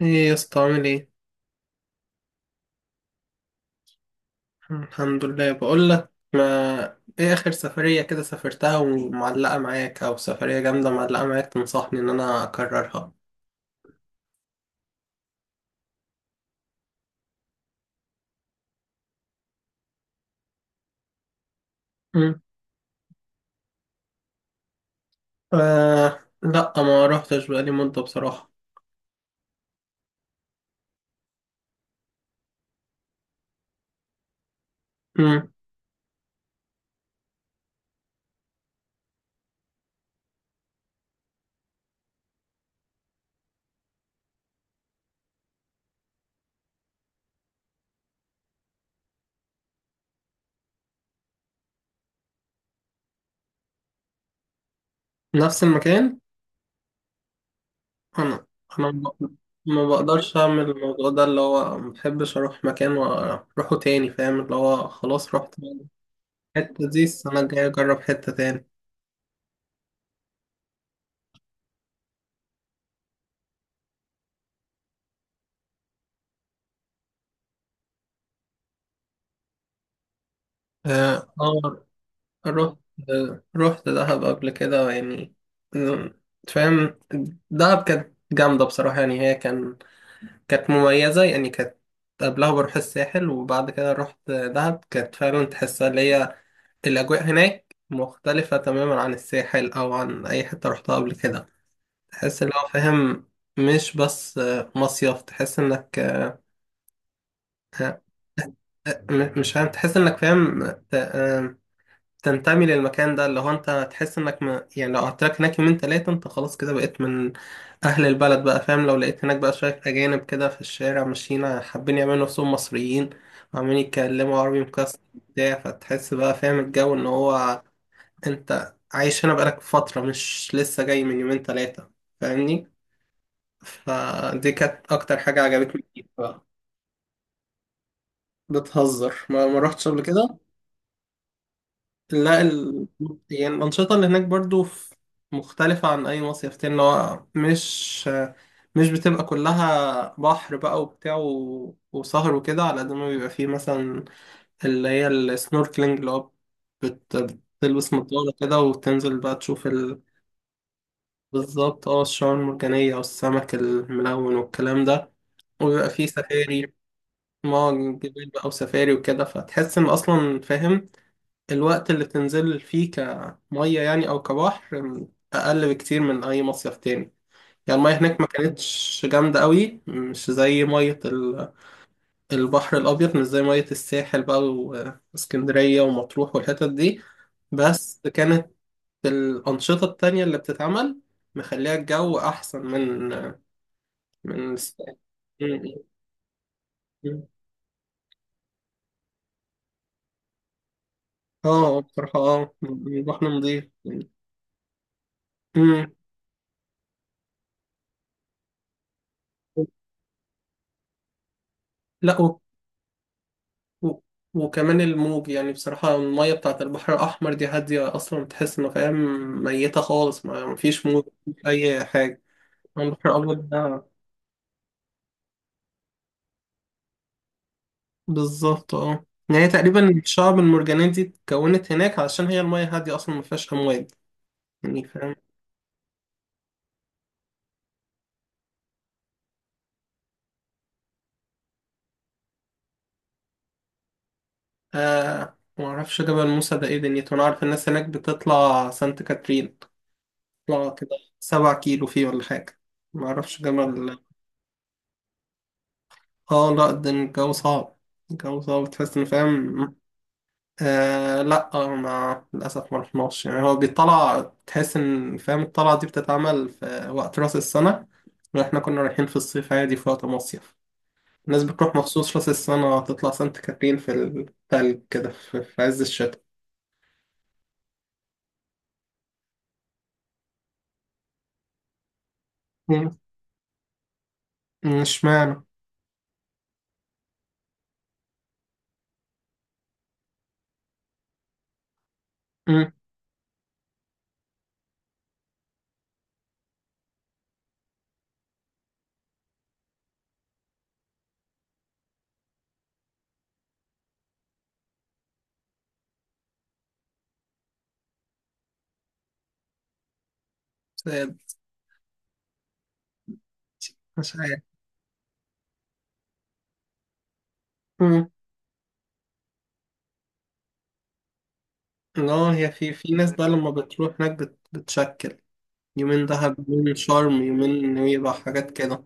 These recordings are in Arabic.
ايه يا اسطى، عامل ايه؟ الحمد لله. بقول لك ما ايه اخر سفرية كده سافرتها ومعلقة معاك، او سفرية جامدة معلقة معاك تنصحني ان انا اكررها. مم. آه لا، ما روحتش بقالي مدة بصراحة. مم. نفس المكان. انا انا ما بقدرش اعمل الموضوع ده، اللي هو ما بحبش اروح مكان واروحه تاني، فاهم؟ اللي هو خلاص رحت الحتة دي، السنة الجاية اجرب حتة تاني. اه آه. رحت، رحت دهب قبل كده يعني، فاهم؟ دهب كانت جامدة بصراحة، يعني هي كان كانت مميزة، يعني كانت قبلها بروح الساحل، وبعد كده رحت دهب، كانت فعلا تحسها اللي هي الأجواء هناك مختلفة تماما عن الساحل أو عن أي حتة رحتها قبل كده. تحس اللي هو فاهم مش بس مصيف، تحس إنك مش فاهم تحس إنك فاهم. تنتمي للمكان ده، اللي هو انت تحس انك ما يعني لو قعدت لك هناك يومين تلاتة انت خلاص كده بقيت من اهل البلد بقى، فاهم؟ لو لقيت هناك بقى شوية اجانب كده في الشارع ماشيين حابين يعملوا نفسهم مصريين وعمالين يتكلموا عربي مكسر بتاع، فتحس بقى فاهم الجو ان هو انت عايش هنا بقالك فترة مش لسه جاي من يومين تلاتة، فاهمني؟ فدي كانت اكتر حاجة عجبتني فيك بقى. بتهزر، ما رحتش قبل كده. لا ال... يعني الأنشطة اللي هناك برضو مختلفة عن أي مصيف تاني، اللي هو مش بتبقى كلها بحر بقى وبتاع وسهر وكده، على قد ما بيبقى فيه مثلا اللي هي السنوركلينج، اللي هو بت... بتلبس نظارة كده وتنزل بقى تشوف بالظبط اه، الشعاب المرجانية والسمك الملون والكلام ده، وبيبقى فيه سفاري. ما جبال بقى وسفاري وكده، فتحس إن أصلا فاهم الوقت اللي تنزل فيه كمية يعني أو كبحر أقل بكتير من أي مصيف تاني. يعني المية هناك ما كانتش جامدة قوي، مش زي مية ال- البحر الأبيض مش زي مية الساحل بقى واسكندرية ومطروح والحتت دي، بس كانت الأنشطة التانية اللي بتتعمل مخليها الجو أحسن من من الساحل. اه بصراحة، اه البحر نضيف. مم. لا و- وكمان الموج، يعني بصراحة المية بتاعة البحر الأحمر دي هادية أصلا، تحس إنه فاهم ميتة خالص، ما مفيش موج مفيش أي حاجة. أما البحر الأبيض ده بالظبط اه، يعني تقريبا الشعب المرجانية دي اتكونت هناك علشان هي المية هادية أصلا مفيهاش أمواج، يعني فاهم. آه، معرفش جبل موسى ده ايه دنيته. أنا عارف الناس هناك بتطلع سانت كاترين، تطلع كده 7 كيلو فيه ولا حاجة، معرفش. جبل؟ اه لا، ده الجو صعب. الجو صعب تحس إنه فاهم. آه لا آه، ما للأسف ما رحناش. يعني هو بيطلع، تحس إن فاهم الطلعة دي بتتعمل في وقت رأس السنة، وإحنا كنا رايحين في الصيف عادي في وقت مصيف. الناس بتروح مخصوص رأس السنة تطلع سانت كاترين في التلج كده، في في عز الشتاء. مم. اشمعنى؟ مم. ساد. مش عارف. مم. لا، هي في في ناس بقى لما بتروح هناك بتشكل يومين دهب، يومين شرم، يومين نويبع، حاجات كده.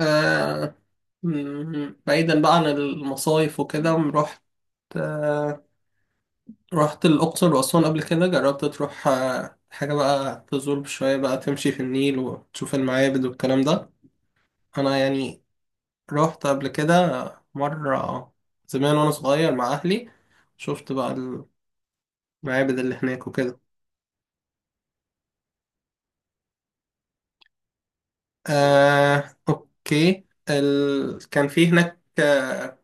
آه، بعيدا بقى عن المصايف وكده، رحت آه، رحت الأقصر وأسوان قبل كده. جربت تروح آه حاجة بقى تزور شوية، بقى تمشي في النيل وتشوف المعابد والكلام ده؟ أنا يعني رحت قبل كده مرة زمان وأنا صغير مع أهلي. شفت بقى المعابد اللي هناك وكده. آه أوكي. كان في هناك آه،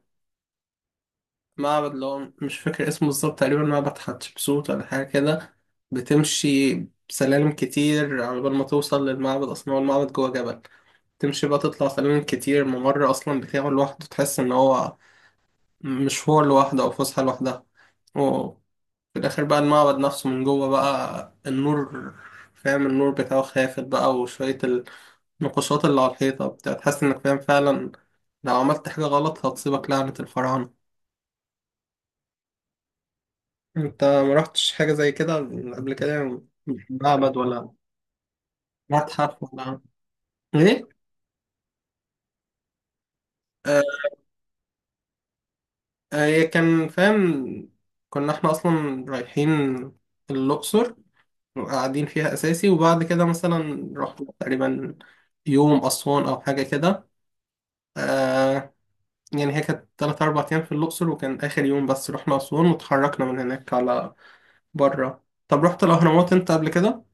معبد اللي هو مش فاكر اسمه بالظبط، تقريبا معبد حتشبسوت ولا حاجة كده. بتمشي سلالم كتير على بال ما توصل للمعبد، أصلا هو المعبد جوه جبل. تمشي بقى تطلع سلالم كتير، ممر أصلا بتاعه لوحده، تحس إن هو مشوار لوحده أو فسحة لوحدها، وفي الآخر بقى المعبد نفسه من جوه بقى النور، فاهم؟ النور بتاعه خافت بقى، وشوية النقوشات اللي على الحيطة بتاع، تحس إنك فاهم فعلا لو عملت حاجة غلط هتصيبك لعنة الفراعنة. انت ما رحتش حاجة زي كده قبل كده؟ معبد ولا متحف ولا ايه؟ آه آه، هي كان فاهم كنا احنا اصلا رايحين الأقصر وقاعدين فيها أساسي، وبعد كده مثلا رحنا تقريبا يوم أسوان أو حاجة كده. آه يعني هي كانت تلات أربع أيام في الأقصر، وكان آخر يوم بس رحنا أسوان وتحركنا من هناك على برا. طب رحت الأهرامات أنت قبل كده؟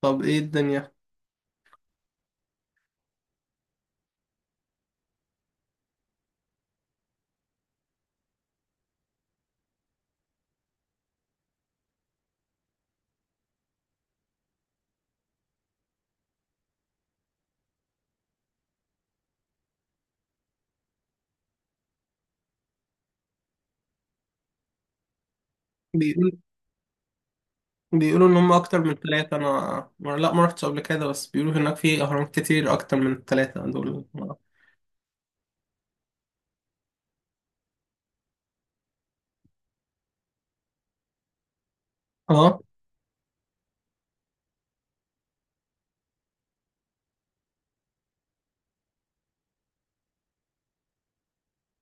طب ايه الدنيا؟ بيقولوا ان هم اكتر من 3. انا لا، ما رحتش قبل كده، بس بيقولوا هناك في اهرامات كتير اكتر من الـ3 دول. اه.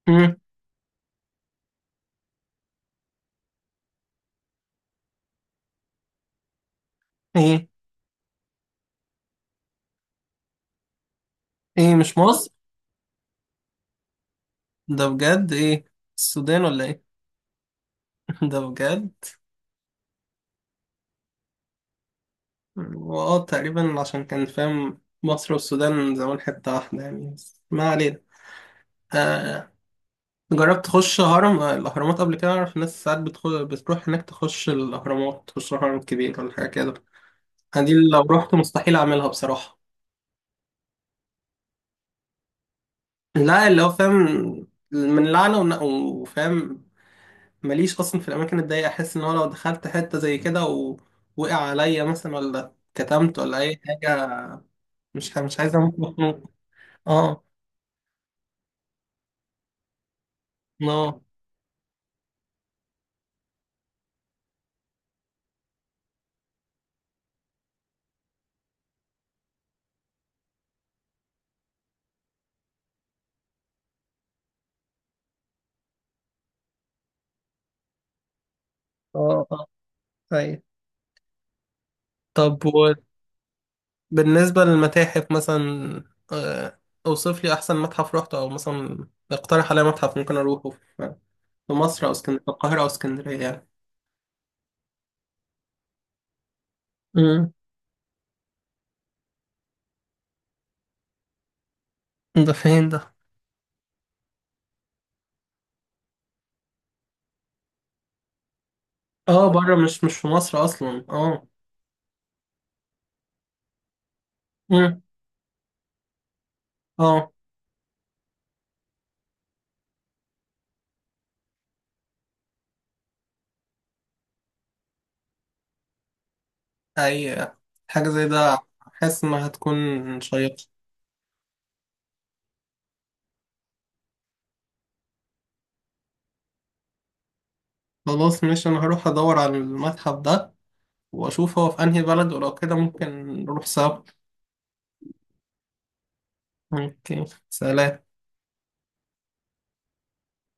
امم. ايه؟ ايه مش مصر؟ ده بجد؟ ايه، السودان ولا ايه؟ ده بجد؟ واه تقريبا عشان كان فاهم مصر والسودان زمان حتة واحدة يعني، بس ما علينا. آه. جربت تخش هرم آه، الأهرامات قبل كده؟ أعرف ناس ساعات بتروح هناك تخش الأهرامات، تخش الهرم الكبير ولا حاجة كده. آه، دي لو رحت مستحيل أعملها بصراحة. لا اللي هو فاهم من لعنة وفاهم ماليش أصلا في الأماكن الضيقة. أحس إن هو لو دخلت حتة زي كده ووقع عليا مثلا ولا كتمت ولا أي حاجة، مش عايز أموت مخنوق. آه آه آه آه. أيوة. طب وبالنسبة للمتاحف مثلا، آه، أوصف لي أحسن متحف روحته، أو مثلا اقترح عليا متحف ممكن أروحه في في مصر أو اسكندرية، في القاهرة أو اسكندرية يعني. امم. ده فين ده؟ آه بره، مش في مصر أصلا. آه. اه. اي حاجة زي ده حاسس انها هتكون شيقة. خلاص، مش انا هروح ادور على المتحف ده، واشوف هو في انهي بلد، ولو كده ممكن نروح سوا. اوكي سلام.